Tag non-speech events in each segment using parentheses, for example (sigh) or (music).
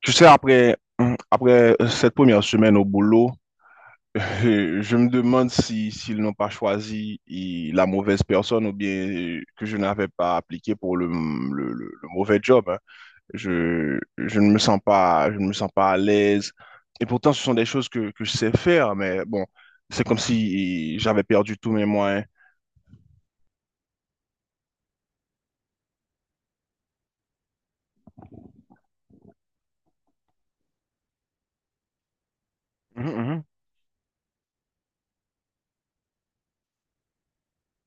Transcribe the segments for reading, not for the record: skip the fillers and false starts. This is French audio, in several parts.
Tu sais, après, après cette première semaine au boulot, je me demande si s'ils n'ont pas choisi la mauvaise personne ou bien que je n'avais pas appliqué pour le mauvais job, hein. Je ne me sens pas, je ne me sens pas à l'aise. Et pourtant, ce sont des choses que je sais faire, mais bon, c'est comme si j'avais perdu tous mes moyens. Mhm,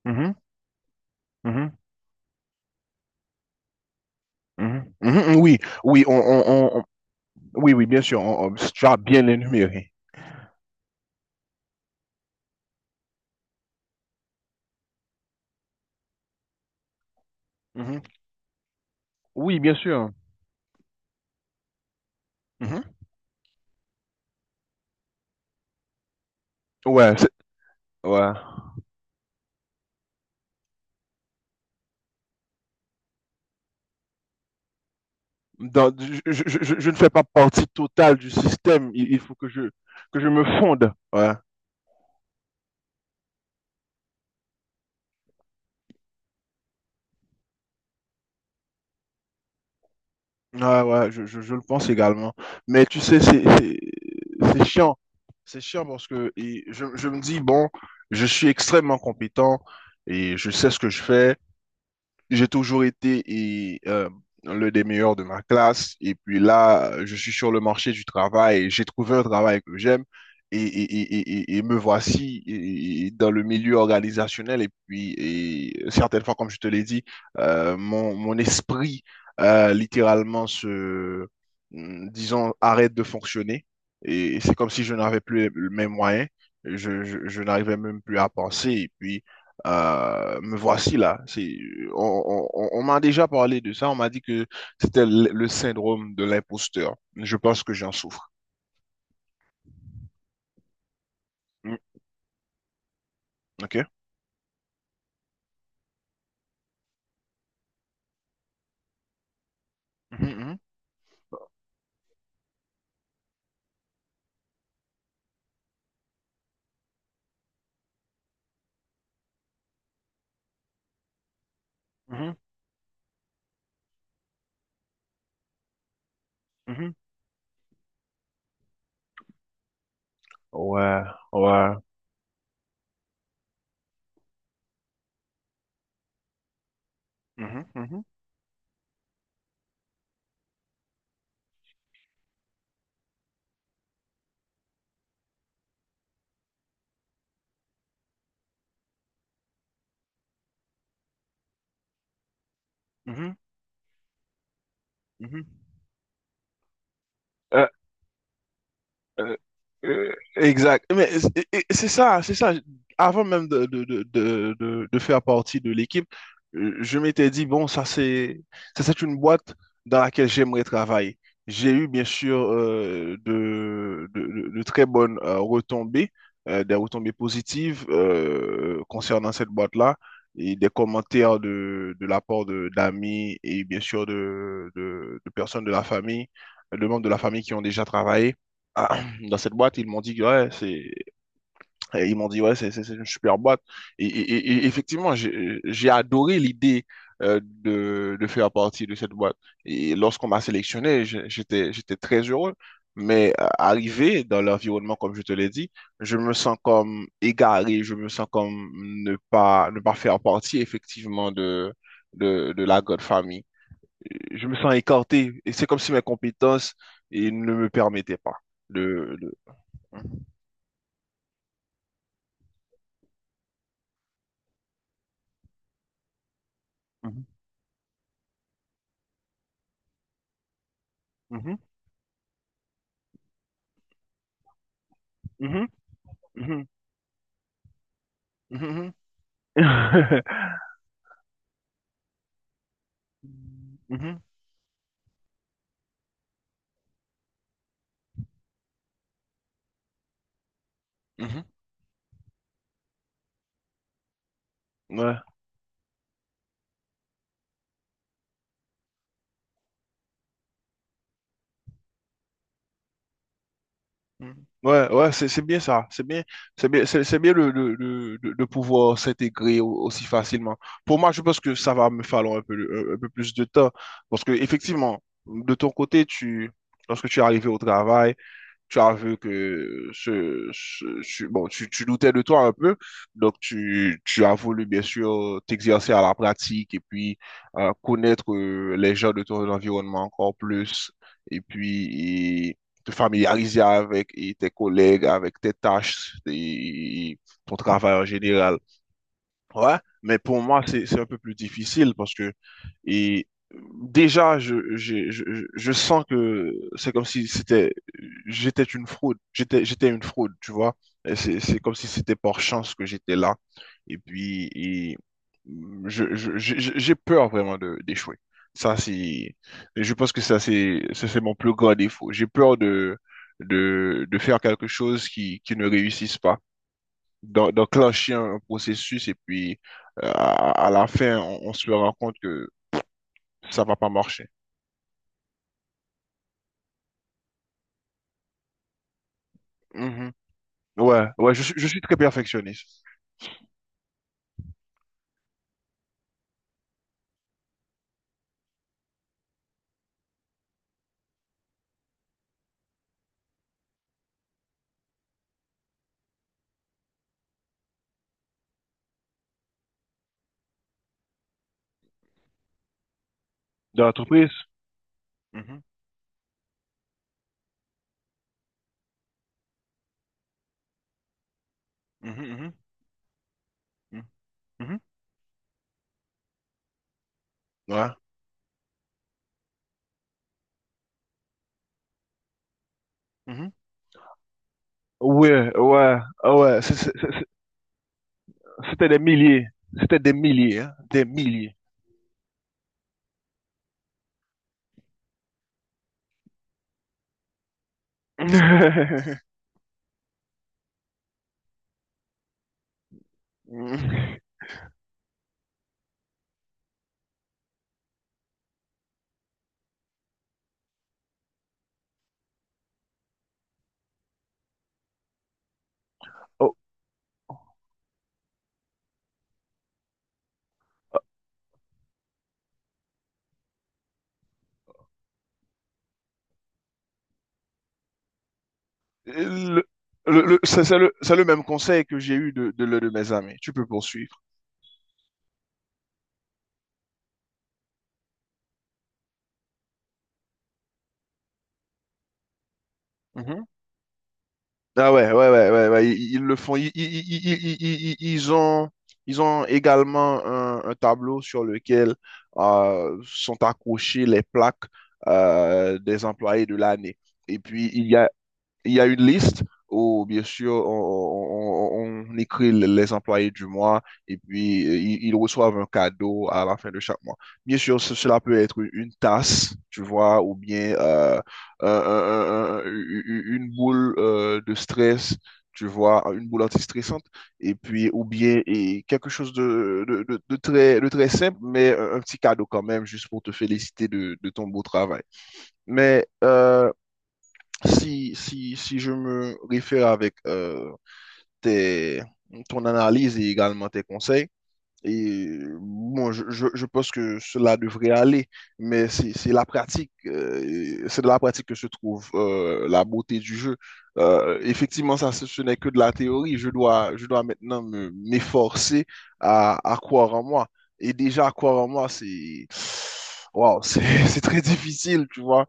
mhm, mhm, mhm, mhm, mhm, oui, oui, on- on- oui, oui, bien sûr, tu as bien énuméré. Mhm. Oui, bien sûr. Mhm. Ouais, ouais. Je je- ne fais pas partie totale du système. Il faut que je me fonde. Ouais. Ouais, ouais, je le pense également. Mais tu sais, c'est chiant. C'est chiant parce que et je me dis, bon, je suis extrêmement compétent et je sais ce que je fais. J'ai toujours été et, l'un des meilleurs de ma classe. Et puis là, je suis sur le marché du travail. J'ai trouvé un travail que j'aime. Et me voici et dans le milieu organisationnel. Et puis, et certaines fois, comme je te l'ai dit, mon esprit littéralement disons, arrête de fonctionner. Et c'est comme si je n'avais plus les mêmes moyens. Je n'arrivais même plus à penser. Et puis, me voici là. On m'a déjà parlé de ça. On m'a dit que c'était le syndrome de l'imposteur. Je pense que j'en souffre. Mm, ok? Mhm, mhm, mhm, mhm. Ouais, ouais. Mhm, mhm, mhm, mhm. Euh, Exact. Mais et c'est ça, c'est ça. Avant même de faire partie de l'équipe, je m'étais dit, bon, ça c'est une boîte dans laquelle j'aimerais travailler. J'ai eu bien sûr de très bonnes retombées, des retombées positives concernant cette boîte-là et des commentaires de la part d'amis et bien sûr de personnes de la famille, de membres de la famille qui ont déjà travaillé. Ah, dans cette boîte, ils m'ont dit que, ouais, et ils m'ont dit ouais, c'est une super boîte. Et effectivement, j'ai adoré l'idée de faire partie de cette boîte. Et lorsqu'on m'a sélectionné, j'étais très heureux. Mais arrivé dans l'environnement, comme je te l'ai dit, je me sens comme égaré, je me sens comme ne pas faire partie effectivement de la grande famille. Je me sens écarté et c'est comme si mes compétences ils ne me permettaient pas de, de... Mhm, mhm, mhm, mhm, ouais, mhm, (laughs) mhm, mhm. Ouais. Mhm. Ouais, ouais, c'est bien ça, c'est bien, c'est bien, c'est bien de pouvoir s'intégrer aussi facilement. Pour moi, je pense que ça va me falloir un peu plus de temps parce que effectivement, de ton côté, lorsque tu es arrivé au travail, tu as vu que bon, tu doutais de toi un peu, donc tu as voulu bien sûr t'exercer à la pratique et puis connaître les gens de ton environnement encore plus et puis et te familiariser avec et tes collègues, avec tes tâches et ton travail en général. Ouais, mais pour moi, c'est un peu plus difficile parce que et déjà, je sens que c'est comme si c'était j'étais une fraude. J'étais une fraude, tu vois. Et c'est comme si c'était par chance que j'étais là. Et puis, et j'ai peur vraiment d'échouer. Ça, c'est, je pense que ça, c'est mon plus grand défaut. J'ai peur de faire quelque chose qui ne réussisse pas d'enclencher un processus et puis à la fin, on se rend compte que ça va pas marcher. Mhm. Ouais, ouais, je suis très perfectionniste. Dans l'entreprise? Mhm, mhm, mhm, mhm, mhm. Ouais. Mhm. Ouais, ouais, ah ouais, c'était des milliers. C'était des milliers, hein, des milliers. (laughs) Oh, le- c'est le même conseil que j'ai eu de l'un de mes amis. Tu peux poursuivre. Mhm. Ah ouais, ouais, ouais, ouais, ouais. Ils le font. Ils ont également un tableau sur lequel sont accrochées les plaques des employés de l'année. Et puis, il y a une liste où, bien sûr, on écrit les employés du mois et puis ils reçoivent un cadeau à la fin de chaque mois. Bien sûr, cela peut être une tasse, tu vois, ou bien une boule de stress, tu vois, une boule antistressante, et puis, ou bien et quelque chose de très simple, mais un petit cadeau quand même, juste pour te féliciter de ton beau travail. Mais si je me réfère avec tes, ton analyse et également tes conseils, et bon, je pense que cela devrait aller, mais c'est de la pratique que se trouve la beauté du jeu. Effectivement, ce n'est que de la théorie. Je dois maintenant m'efforcer à croire en moi. Et déjà, croire en moi, wow, (laughs) c'est très difficile, tu vois.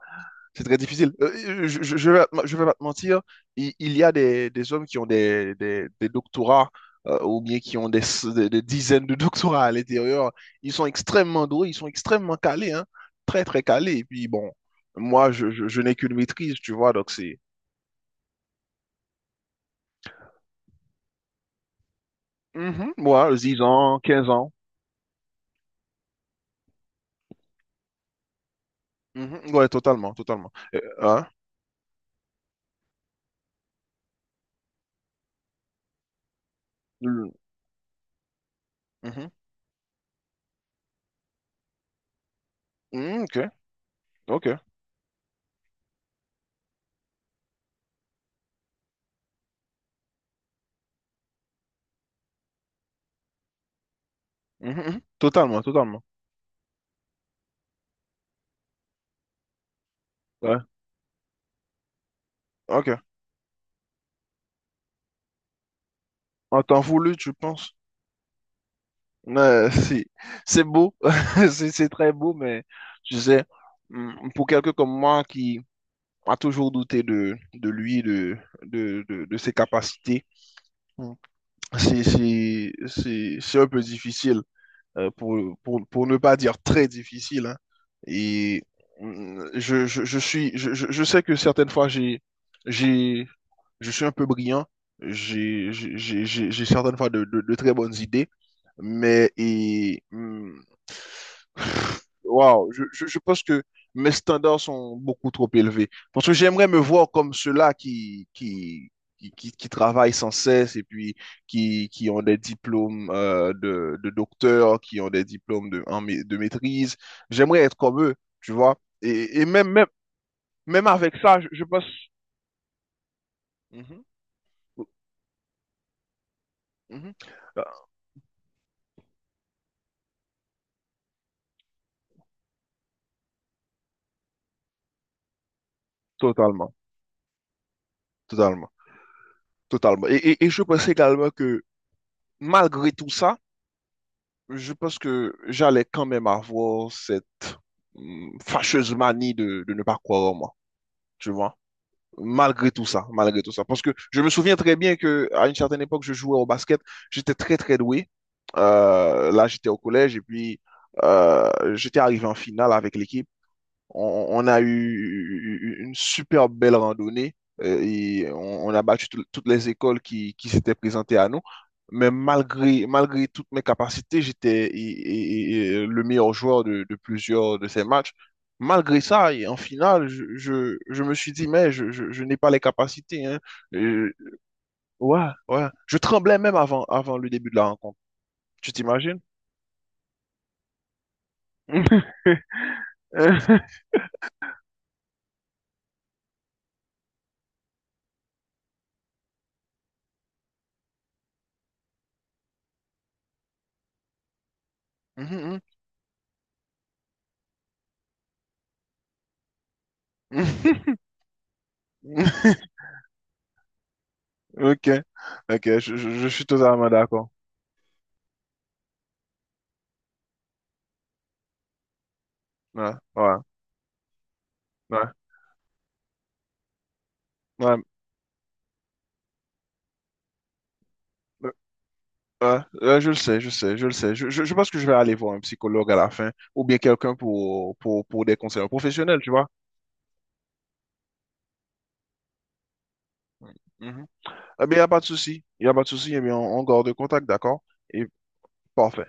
C'est très difficile. Je vais pas te mentir, il y a des hommes qui ont des doctorats ou bien qui ont des dizaines de (laughs) doctorats à l'intérieur. Ils sont extrêmement doués, ils sont extrêmement calés, hein. Très, très calés. Et puis, bon, moi, je n'ai qu'une maîtrise, tu vois, donc c'est... Mhm, moi, 10 ans, 15 ans. Mhm, ouais, totalement, totalement. Hein, le- mhm, mhm, ok, ok. Mhm, mhm, totalement, totalement. Ouais, ok. En temps voulu, tu penses... (laughs) Si, c'est beau, (laughs) c'est très beau, mais tu sais, pour quelqu'un comme moi qui a toujours douté de lui, de ses capacités, mm, c'est un peu difficile, pour ne pas dire très difficile, hein. Et je suis, je sais que certaines fois, j'ai, je suis un peu brillant, j'ai certaines fois de très bonnes idées, mais et, waouh, je pense que mes standards sont beaucoup trop élevés. Parce que j'aimerais me voir comme ceux-là qui travaillent sans cesse et puis qui ont des diplômes de docteur, qui ont des diplômes de maîtrise. J'aimerais être comme eux, tu vois. Et même, même, même avec ça, je pense... Mhm, mhm. Euh, Totalement. Totalement, totalement. Et je pense également que malgré tout ça, je pense que j'allais quand même avoir cette fâcheuse manie de ne pas croire en moi, tu vois. Malgré tout ça, malgré tout ça. Parce que je me souviens très bien que à une certaine époque, je jouais au basket, j'étais très très doué. Là, j'étais au collège et puis euh, j'étais arrivé en finale avec l'équipe. On a eu une super belle randonnée et on a battu toutes les écoles qui s'étaient présentées à nous. Mais malgré toutes mes capacités, j'étais et le meilleur joueur de plusieurs de ces matchs. Malgré ça, et en finale, je me suis dit, mais je n'ai pas les capacités, hein. Euh, ouais, ouais. Je tremblais même avant le début de la rencontre. Tu t'imagines? (laughs) Mhm, mhm. (laughs) Ok, ok, je suis totalement d'accord. Ouais, ouais, ouais, ouais, euh, ouais, je le sais, je le sais. Je pense que je vais aller voir un psychologue à la fin, ou bien quelqu'un pour des conseils professionnels, tu vois. Mhm. Eh bien, il n'y a pas de souci, il n'y a pas de souci, eh bien, on garde contact, d'accord? Et parfait.